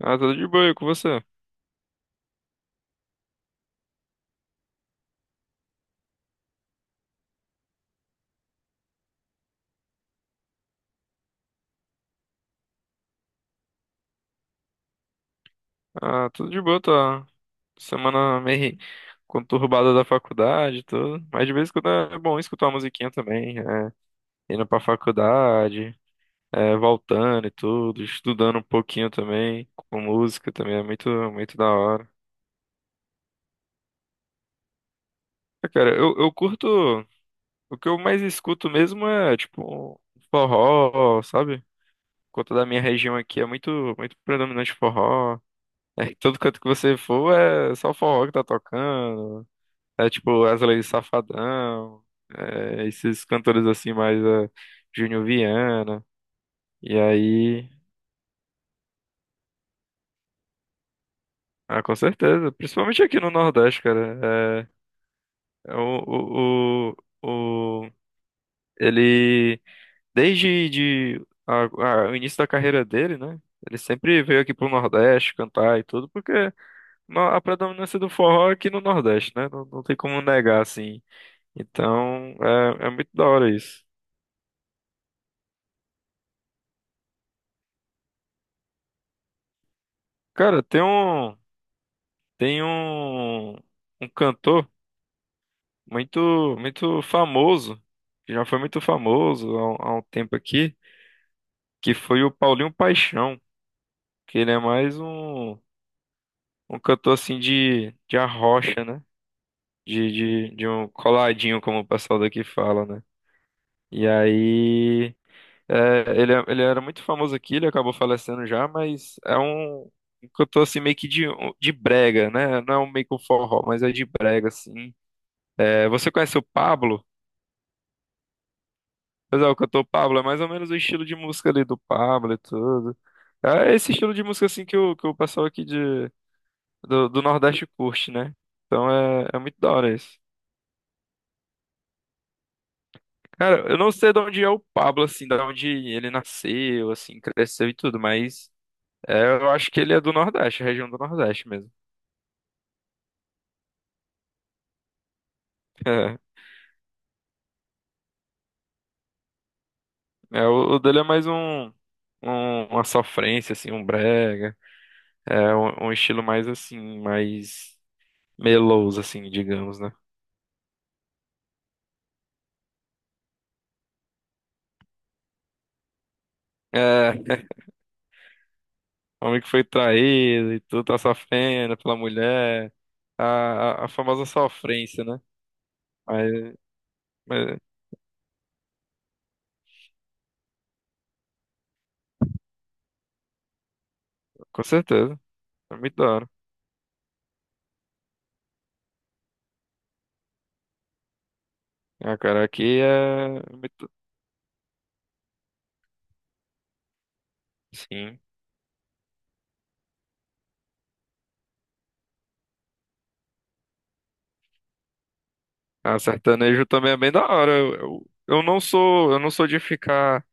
Ah, tudo de boa, e com você? Ah, tudo de boa, tá. Semana meio conturbada da faculdade, e tudo. Mas de vez em quando é bom escutar uma musiquinha também. Indo pra faculdade, voltando e tudo, estudando um pouquinho também, com música também, é muito, muito da hora. Ah, cara, eu curto. O que eu mais escuto mesmo é, tipo, forró, sabe? Por conta da minha região aqui é muito, muito predominante forró. Todo canto que você for é só forró que tá tocando. É tipo Wesley Safadão, é, esses cantores assim mais Júnior Viana. E aí, ah, com certeza, principalmente aqui no Nordeste, cara. É, é o, o- ele desde a- o início da carreira dele, né? Ele sempre veio aqui pro Nordeste cantar e tudo, porque a predominância do forró é aqui no Nordeste, né? Não, não tem como negar, assim. Então, é, é muito da hora isso. Cara, tem um. Tem um, um cantor muito, muito famoso, que já foi muito famoso há há um tempo aqui, que foi o Paulinho Paixão, que ele é mais um, um cantor assim de arrocha, né? De, de um coladinho, como o pessoal daqui fala, né? E aí, é, ele era muito famoso aqui, ele acabou falecendo já, mas é um, um cantor assim meio que de brega, né? Não é um meio que um forró, mas é de brega, assim. É, você conhece o Pablo? Mas é o cantor Pablo, é mais ou menos o estilo de música ali do Pablo e tudo. É esse estilo de música assim que o pessoal aqui do, do Nordeste curte, né? Então é, é muito da hora isso. Cara, eu não sei de onde é o Pablo, assim, de onde ele nasceu, assim, cresceu e tudo, mas é, eu acho que ele é do Nordeste, região do Nordeste mesmo. É, é, o dele é mais um, uma sofrência, assim, um brega. É um, um estilo mais assim, mais meloso, assim, digamos, né? É, o homem que foi traído e tudo, tá sofrendo pela mulher. A famosa sofrência, né? Mas, mas, com certeza, é muito da hora. Ah, cara, aqui é muito. Sim. Ah, sertanejo também é bem da hora. Eu não sou, eu não sou de ficar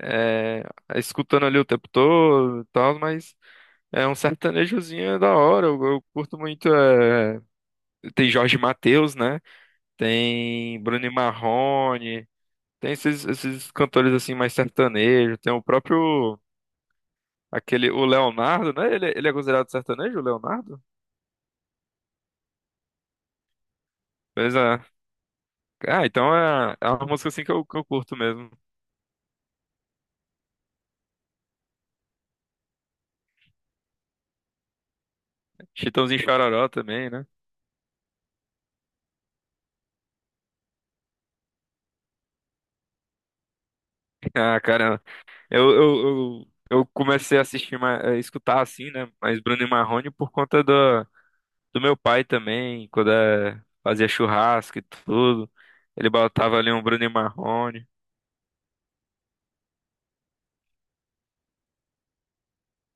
é, escutando ali o tempo todo e tal, mas é um sertanejozinho é da hora. Eu curto muito. Tem Jorge Mateus, né? Tem Bruno e Marrone. Tem esses, esses cantores assim mais sertanejo, tem o próprio aquele o Leonardo, né? Ele é considerado sertanejo, o Leonardo? Beleza. Ah, então é, é uma música assim que eu curto mesmo. Chitãozinho e Chororó também, né? Ah, cara, eu, eu, eu comecei a assistir, a escutar assim, né? Mas Bruno e Marrone por conta do, do meu pai também, quando é, fazia churrasco e tudo. Ele botava ali um Bruno e Marrone.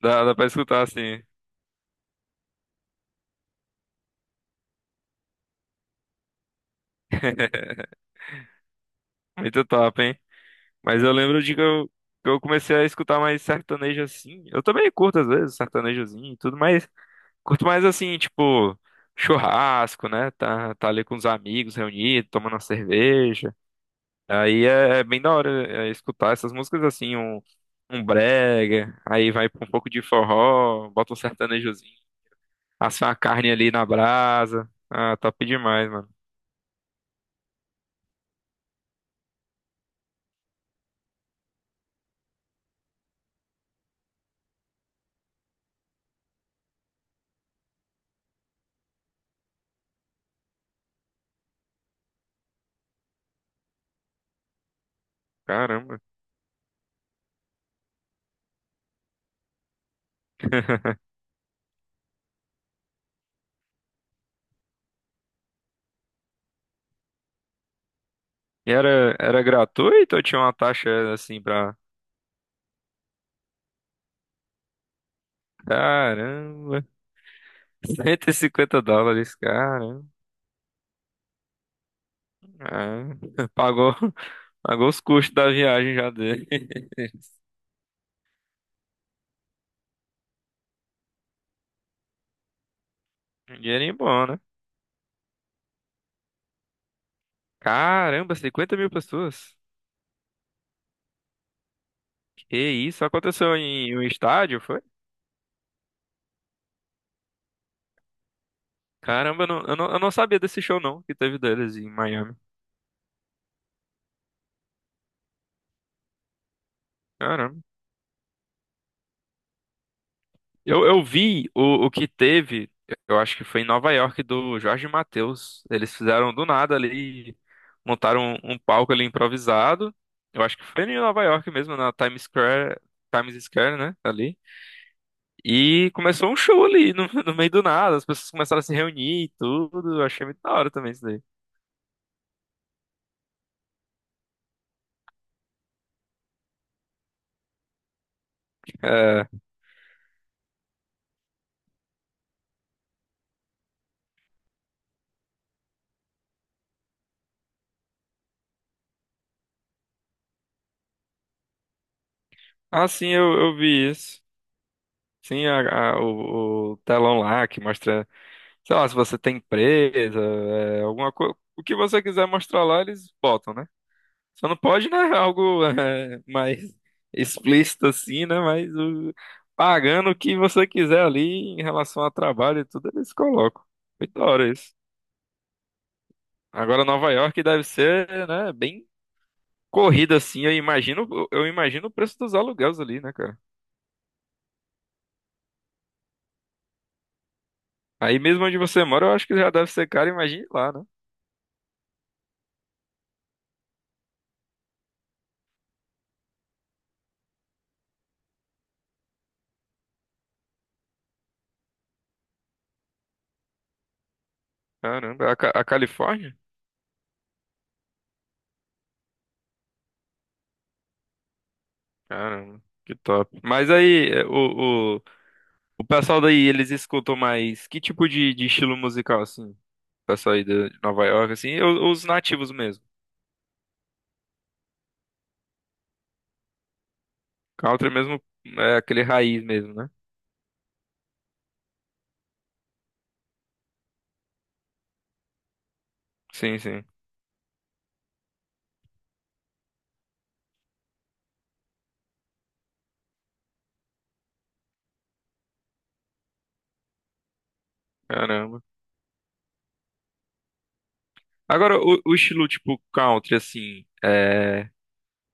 Dá pra escutar assim. Muito top, hein? Mas eu lembro de que eu comecei a escutar mais sertanejo assim. Eu também curto às vezes sertanejozinho e tudo, mas curto mais assim, tipo, churrasco, né? Tá ali com os amigos reunidos, tomando uma cerveja. Aí é, é bem da hora escutar essas músicas assim, um brega, aí vai pra um pouco de forró, bota um sertanejozinho, assa uma carne ali na brasa. Ah, top demais, mano. Caramba. E era, era gratuito ou tinha uma taxa assim pra. Caramba. 150 dólares, cara. É. Pagou, pagou os custos da viagem já dele. Um dinheirinho bom, né? Caramba, 50 mil pessoas. Que isso? Aconteceu em um estádio, foi? Caramba, eu não sabia desse show não que teve deles em Miami. Caramba. Eu vi o que teve, eu acho que foi em Nova York, do Jorge Mateus. Eles fizeram do nada ali, montaram um, um palco ali improvisado. Eu acho que foi em Nova York mesmo, na Times Square, Times Square, né? Ali. E começou um show ali, no, no meio do nada. As pessoas começaram a se reunir e tudo. Eu achei muito da hora também isso daí. É. Ah, sim, eu vi isso. Sim, o telão lá que mostra. Sei lá, se você tem empresa, é, alguma coisa. O que você quiser mostrar lá, eles botam, né? Só não pode, né? Algo mais explícito assim, né? Mas pagando o que você quiser ali em relação a trabalho e tudo, eles colocam. Muito da hora isso. Agora, Nova York deve ser, né? Bem corrida assim. Eu imagino o preço dos aluguéis ali, né, cara? Aí mesmo onde você mora, eu acho que já deve ser caro. Imagine lá, né? Caramba, a Califórnia? Caramba, que top. Mas aí, é, o pessoal daí, eles escutam mais que tipo de estilo musical, assim? O pessoal aí de Nova York, assim, os nativos mesmo. Country mesmo, é aquele raiz mesmo, né? Sim, sim. Caramba. Agora, o estilo, tipo, country, assim, é...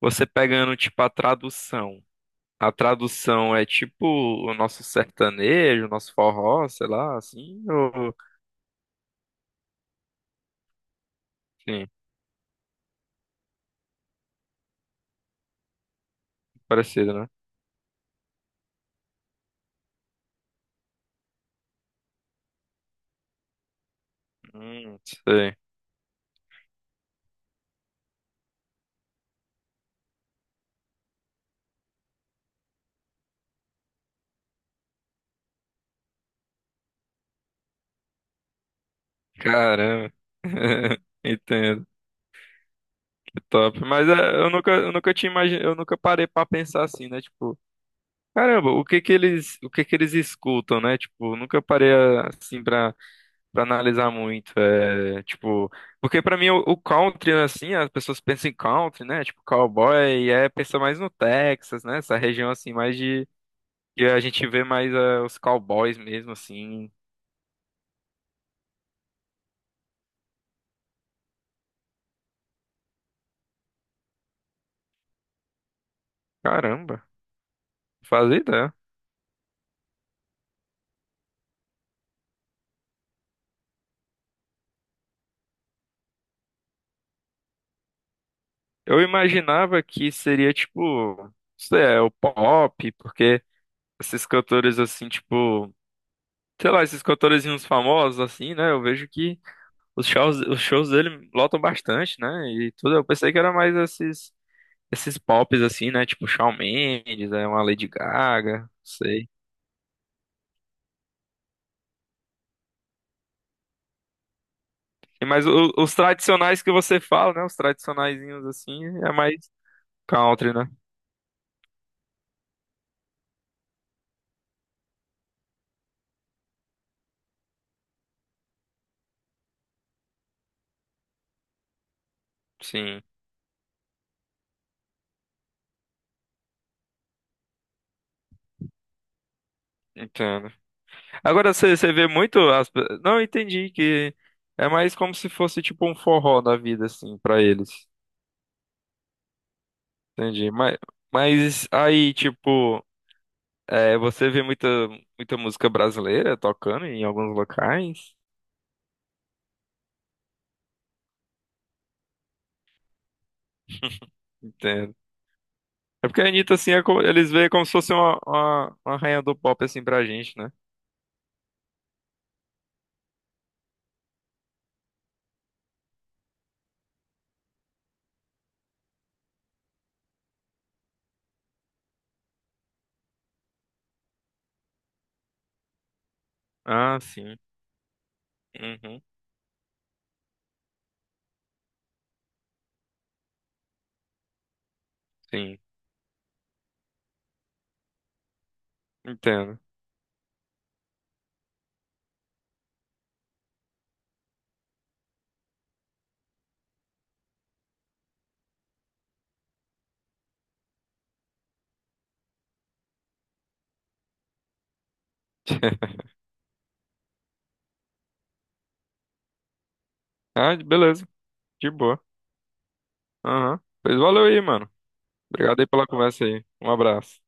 Você pegando, tipo, a tradução. A tradução é, tipo, o nosso sertanejo, o nosso forró, sei lá, assim, ou... Sim, parecido, né? Sei. Caramba. Entendo. Top. Mas é, eu nunca eu nunca parei pra pensar assim, né? Tipo, caramba, o que que eles escutam, né? Tipo, nunca parei assim pra para analisar muito, é, tipo, porque pra mim o country assim, as pessoas pensam em country, né? Tipo, cowboy, e é pensa mais no Texas, né? Essa região assim mais de que a gente vê mais é, os cowboys mesmo assim. Caramba, não fazia ideia. Eu imaginava que seria tipo, sei lá, o pop, porque esses cantores assim, tipo, sei lá, esses cantorezinhos famosos assim, né? Eu vejo que os shows dele lotam bastante, né? E tudo, eu pensei que era mais esses pops assim, né? Tipo Shawn Mendes, é uma Lady Gaga, não sei. E mas os tradicionais que você fala, né? Os tradicionaizinhos assim, é mais country, né? Sim, entendo. Agora você vê muito as... pe- Não, entendi que é mais como se fosse tipo um forró da vida, assim, pra eles. Entendi. Mas aí, tipo, é, você vê muita, muita música brasileira tocando em alguns locais? Entendo. É porque a Anitta, assim, é como- eles veem como se fosse uma, uma rainha do pop, assim, pra gente, né? Ah, sim. Uhum. Sim. Entendo. Ah, beleza. De boa. Aham. Pois valeu aí, mano. Obrigado aí pela conversa aí. Um abraço.